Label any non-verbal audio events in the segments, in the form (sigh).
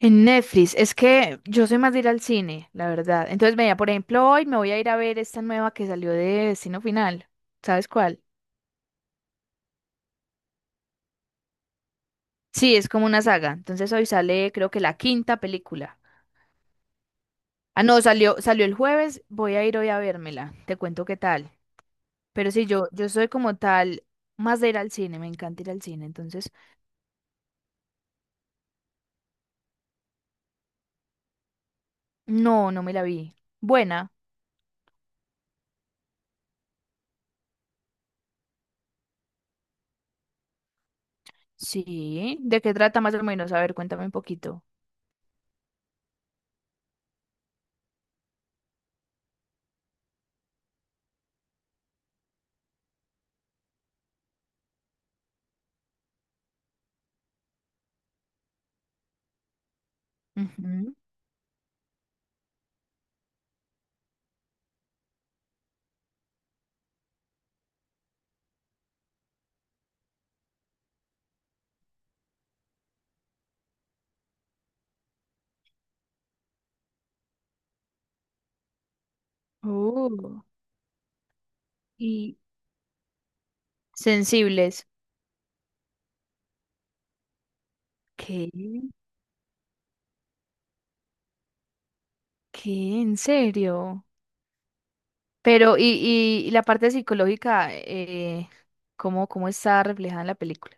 En Netflix, es que yo soy más de ir al cine, la verdad. Entonces, vea, por ejemplo, hoy me voy a ir a ver esta nueva que salió de Destino Final. ¿Sabes cuál? Sí, es como una saga. Entonces hoy sale, creo que la quinta película. Ah, no, salió, salió el jueves, voy a ir hoy a vérmela. Te cuento qué tal. Pero sí, yo soy como tal, más de ir al cine, me encanta ir al cine. Entonces, no, no me la vi. Buena. Sí. ¿De qué trata más o menos? A ver, cuéntame un poquito. Ujú. Oh, y sensibles. ¿Qué? ¿Qué? ¿En serio? Pero, ¿y la parte psicológica, cómo está reflejada en la película?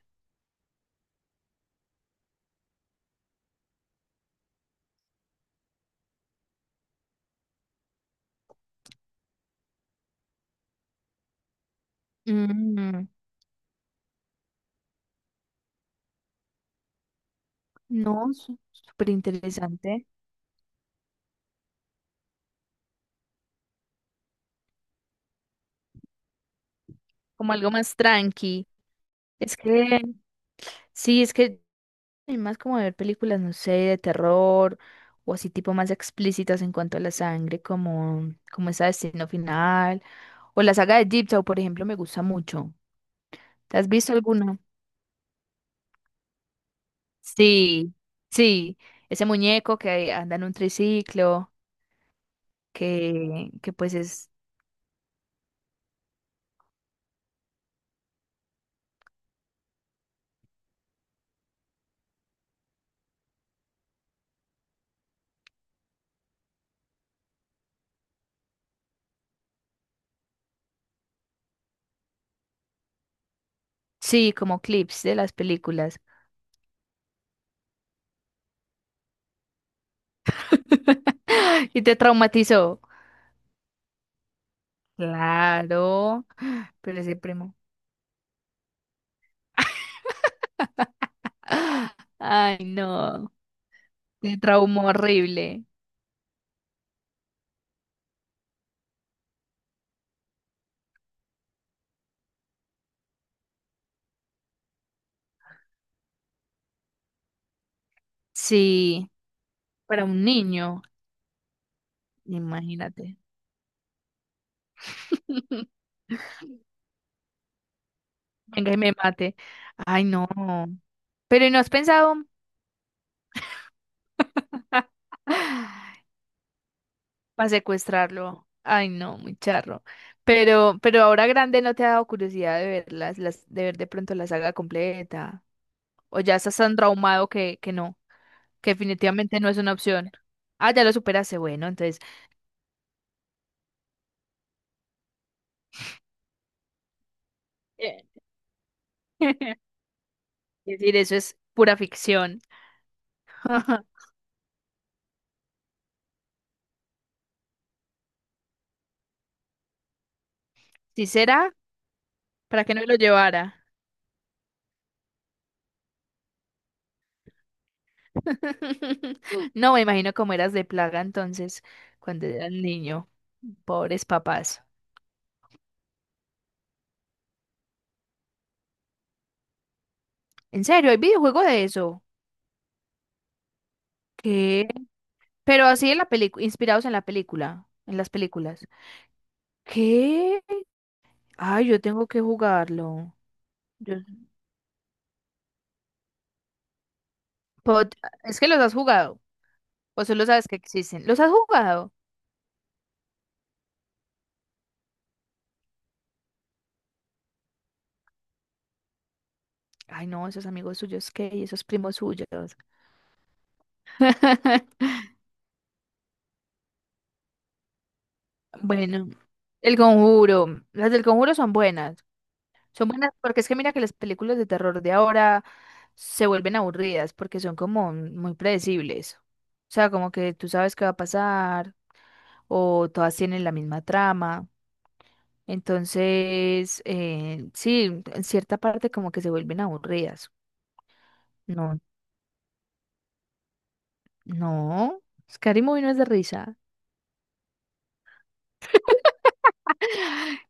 Mm, no, súper interesante. Como algo más tranqui. Es que, sí, es que soy más como de ver películas, no sé, de terror o así tipo más explícitas en cuanto a la sangre, como, como esa de Destino Final o la saga de Deep Town, por ejemplo, me gusta mucho. ¿Te has visto alguna? Sí, sí, ese muñeco que anda en un triciclo, que pues es, sí, como clips de las películas. (laughs) Y te traumatizó. Claro, pero ese primo. (gasps) ¡Ah! Ay, no, te traumó horrible. Sí, para un niño, imagínate. (laughs) Venga y me mate. Ay, no. ¿Pero y no has pensado? (laughs) Para secuestrarlo. Ay, no, muy charro. Pero ahora grande no te ha dado curiosidad de ver de ver de pronto la saga completa. O ya estás tan traumado que no, que definitivamente no es una opción. Ah, ya lo superaste, bueno, entonces. eh, (laughs) Es decir, eso es pura ficción. (laughs) Si será, ¿para qué no lo llevara? (laughs) No, me imagino cómo eras de plaga entonces cuando eras niño. Pobres papás. ¿En serio? ¿Hay videojuego de eso? Pero así en la película, inspirados en la película, en las películas. ¿Qué? Ay, yo tengo que jugarlo. Yo- Pod- Es que los has jugado, o solo sabes que existen. ¿Los has jugado? Ay, no, esos amigos suyos, ¿qué? Y esos primos suyos. (laughs) Bueno, El Conjuro. Las del Conjuro son buenas. Son buenas porque es que mira que las películas de terror de ahora se vuelven aburridas porque son como muy predecibles. O sea, como que tú sabes qué va a pasar o todas tienen la misma trama. Entonces, sí, en cierta parte como que se vuelven aburridas. No, no, Scary Movie no es de risa.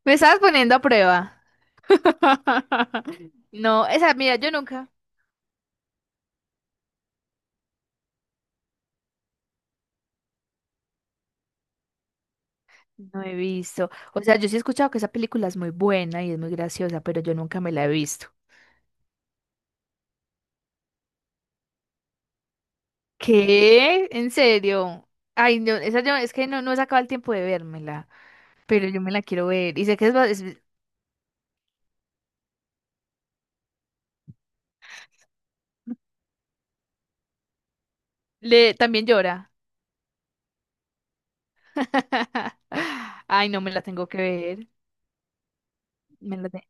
Me estabas poniendo a prueba. (laughs) No, esa, mira, yo nunca no he visto. O sea, yo sí he escuchado que esa película es muy buena y es muy graciosa, pero yo nunca me la he visto. ¿Qué? ¿En serio? Ay, no, esa yo, es que no, no he sacado el tiempo de vérmela, pero yo me la quiero ver. Y sé que es, ba- es- le, también llora. (laughs) Ay, no me la tengo que ver. Me la de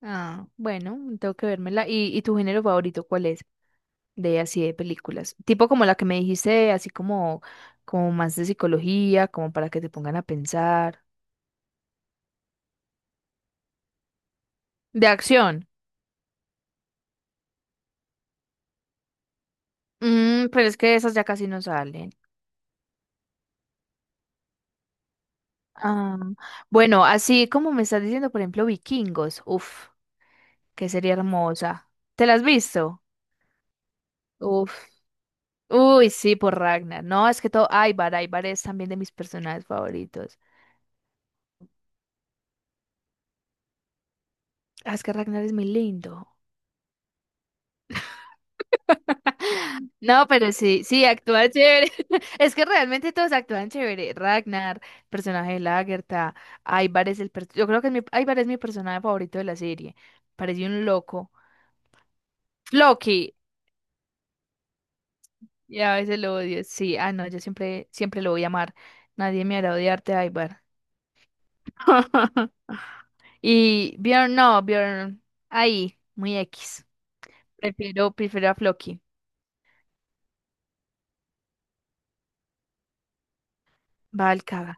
Ah, bueno, tengo que vérmela. y, tu género favorito cuál es? De así de películas. Tipo como la que me dijiste, así como, como más de psicología, como para que te pongan a pensar. De acción. Mm, pero es que esas ya casi no salen. Ah, bueno, así como me estás diciendo, por ejemplo, Vikingos. Uf, que sería hermosa. ¿Te la has visto? Uf. Uy, sí, por Ragnar. No, es que todo. Aybar, Aybar es también de mis personajes favoritos. Ah, es que Ragnar es muy lindo. No, pero sí, sí, actúa chévere. (laughs) Es que realmente todos actúan chévere. Ragnar, personaje de Lagertha, Ivar es el... per- yo creo que es mi... Ivar es mi personaje favorito de la serie. Parece un loco. Loki, y a veces lo odio. Sí, ah, no, yo siempre, siempre lo voy a amar. Nadie me hará odiarte, Ivar. (laughs) Y Bjorn, no, Bjorn, ahí, muy X. Prefiero, prefiero a Floki. Valka.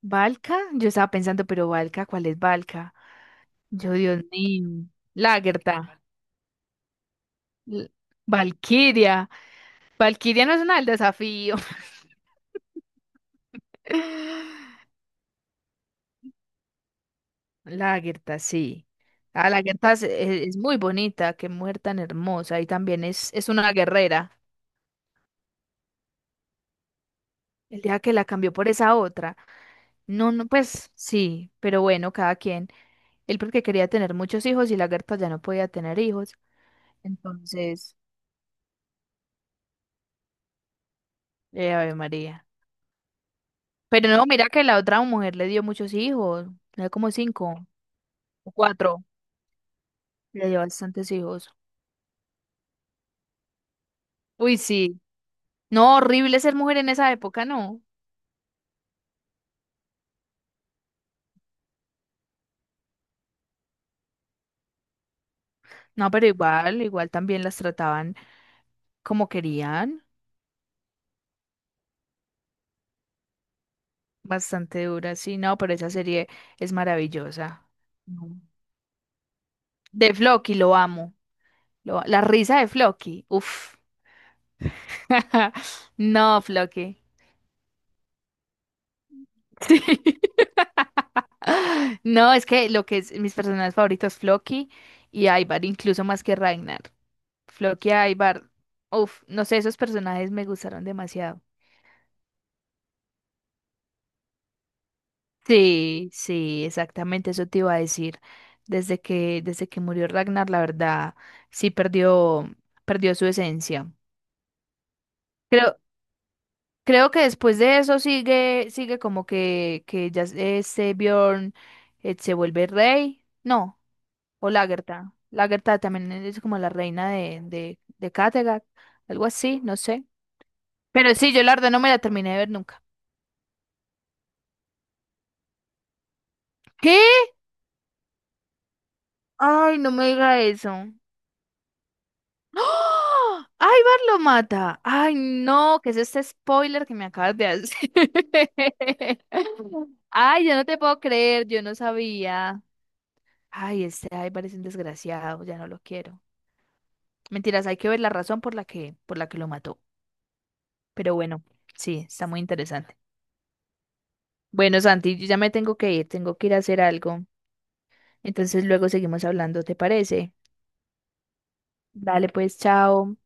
¿Valka? Yo estaba pensando, pero Valka, ¿cuál es Valka? Yo, Dios mío. Lagertha. L- Valkyria. Valkyria no es una del desafío. (laughs) Lagertha, sí. Ah, Lagertha es muy bonita, qué mujer tan hermosa. Y también es una guerrera. El día que la cambió por esa otra. No, no, pues sí, pero bueno, cada quien. Él porque quería tener muchos hijos y Lagertha ya no podía tener hijos. Entonces, Ave María. Pero no, mira que la otra mujer le dio muchos hijos. Le dio como cinco o cuatro. Le dio bastantes hijos. Uy, sí. No, horrible ser mujer en esa época, no. No, pero igual, igual también las trataban como querían. Bastante dura sí, no, pero esa serie es maravillosa. No. De Floki, lo amo. Lo- la risa de Floki, uff. (laughs) No, Floki. Sí. (laughs) No, es que lo que es mis personajes favoritos, Floki y Ivar, incluso más que Ragnar. Floki y Ivar, uff, no sé, esos personajes me gustaron demasiado. Sí, sí, exactamente eso te iba a decir. Desde que murió Ragnar, la verdad, sí perdió, perdió su esencia. Creo, creo que después de eso sigue, sigue como que ya este Bjorn se vuelve rey. No, o Lagertha. Lagertha también es como la reina de Kattegat, algo así, no sé. Pero sí, yo la verdad no me la terminé de ver nunca. ¿Qué? Ay, no me diga eso. ¡Ah! ¡Ivar lo mata! ¡Ay, no! ¿Qué es este spoiler que me acabas de hacer? (laughs) ¡Ay, yo no te puedo creer! Yo no sabía. ¡Ay, este Ivar es un desgraciado! Ya no lo quiero. Mentiras, hay que ver la razón por la que lo mató. Pero bueno, sí, está muy interesante. Bueno, Santi, yo ya me tengo que ir. Tengo que ir a hacer algo. Entonces luego seguimos hablando, ¿te parece? Dale, pues, chao.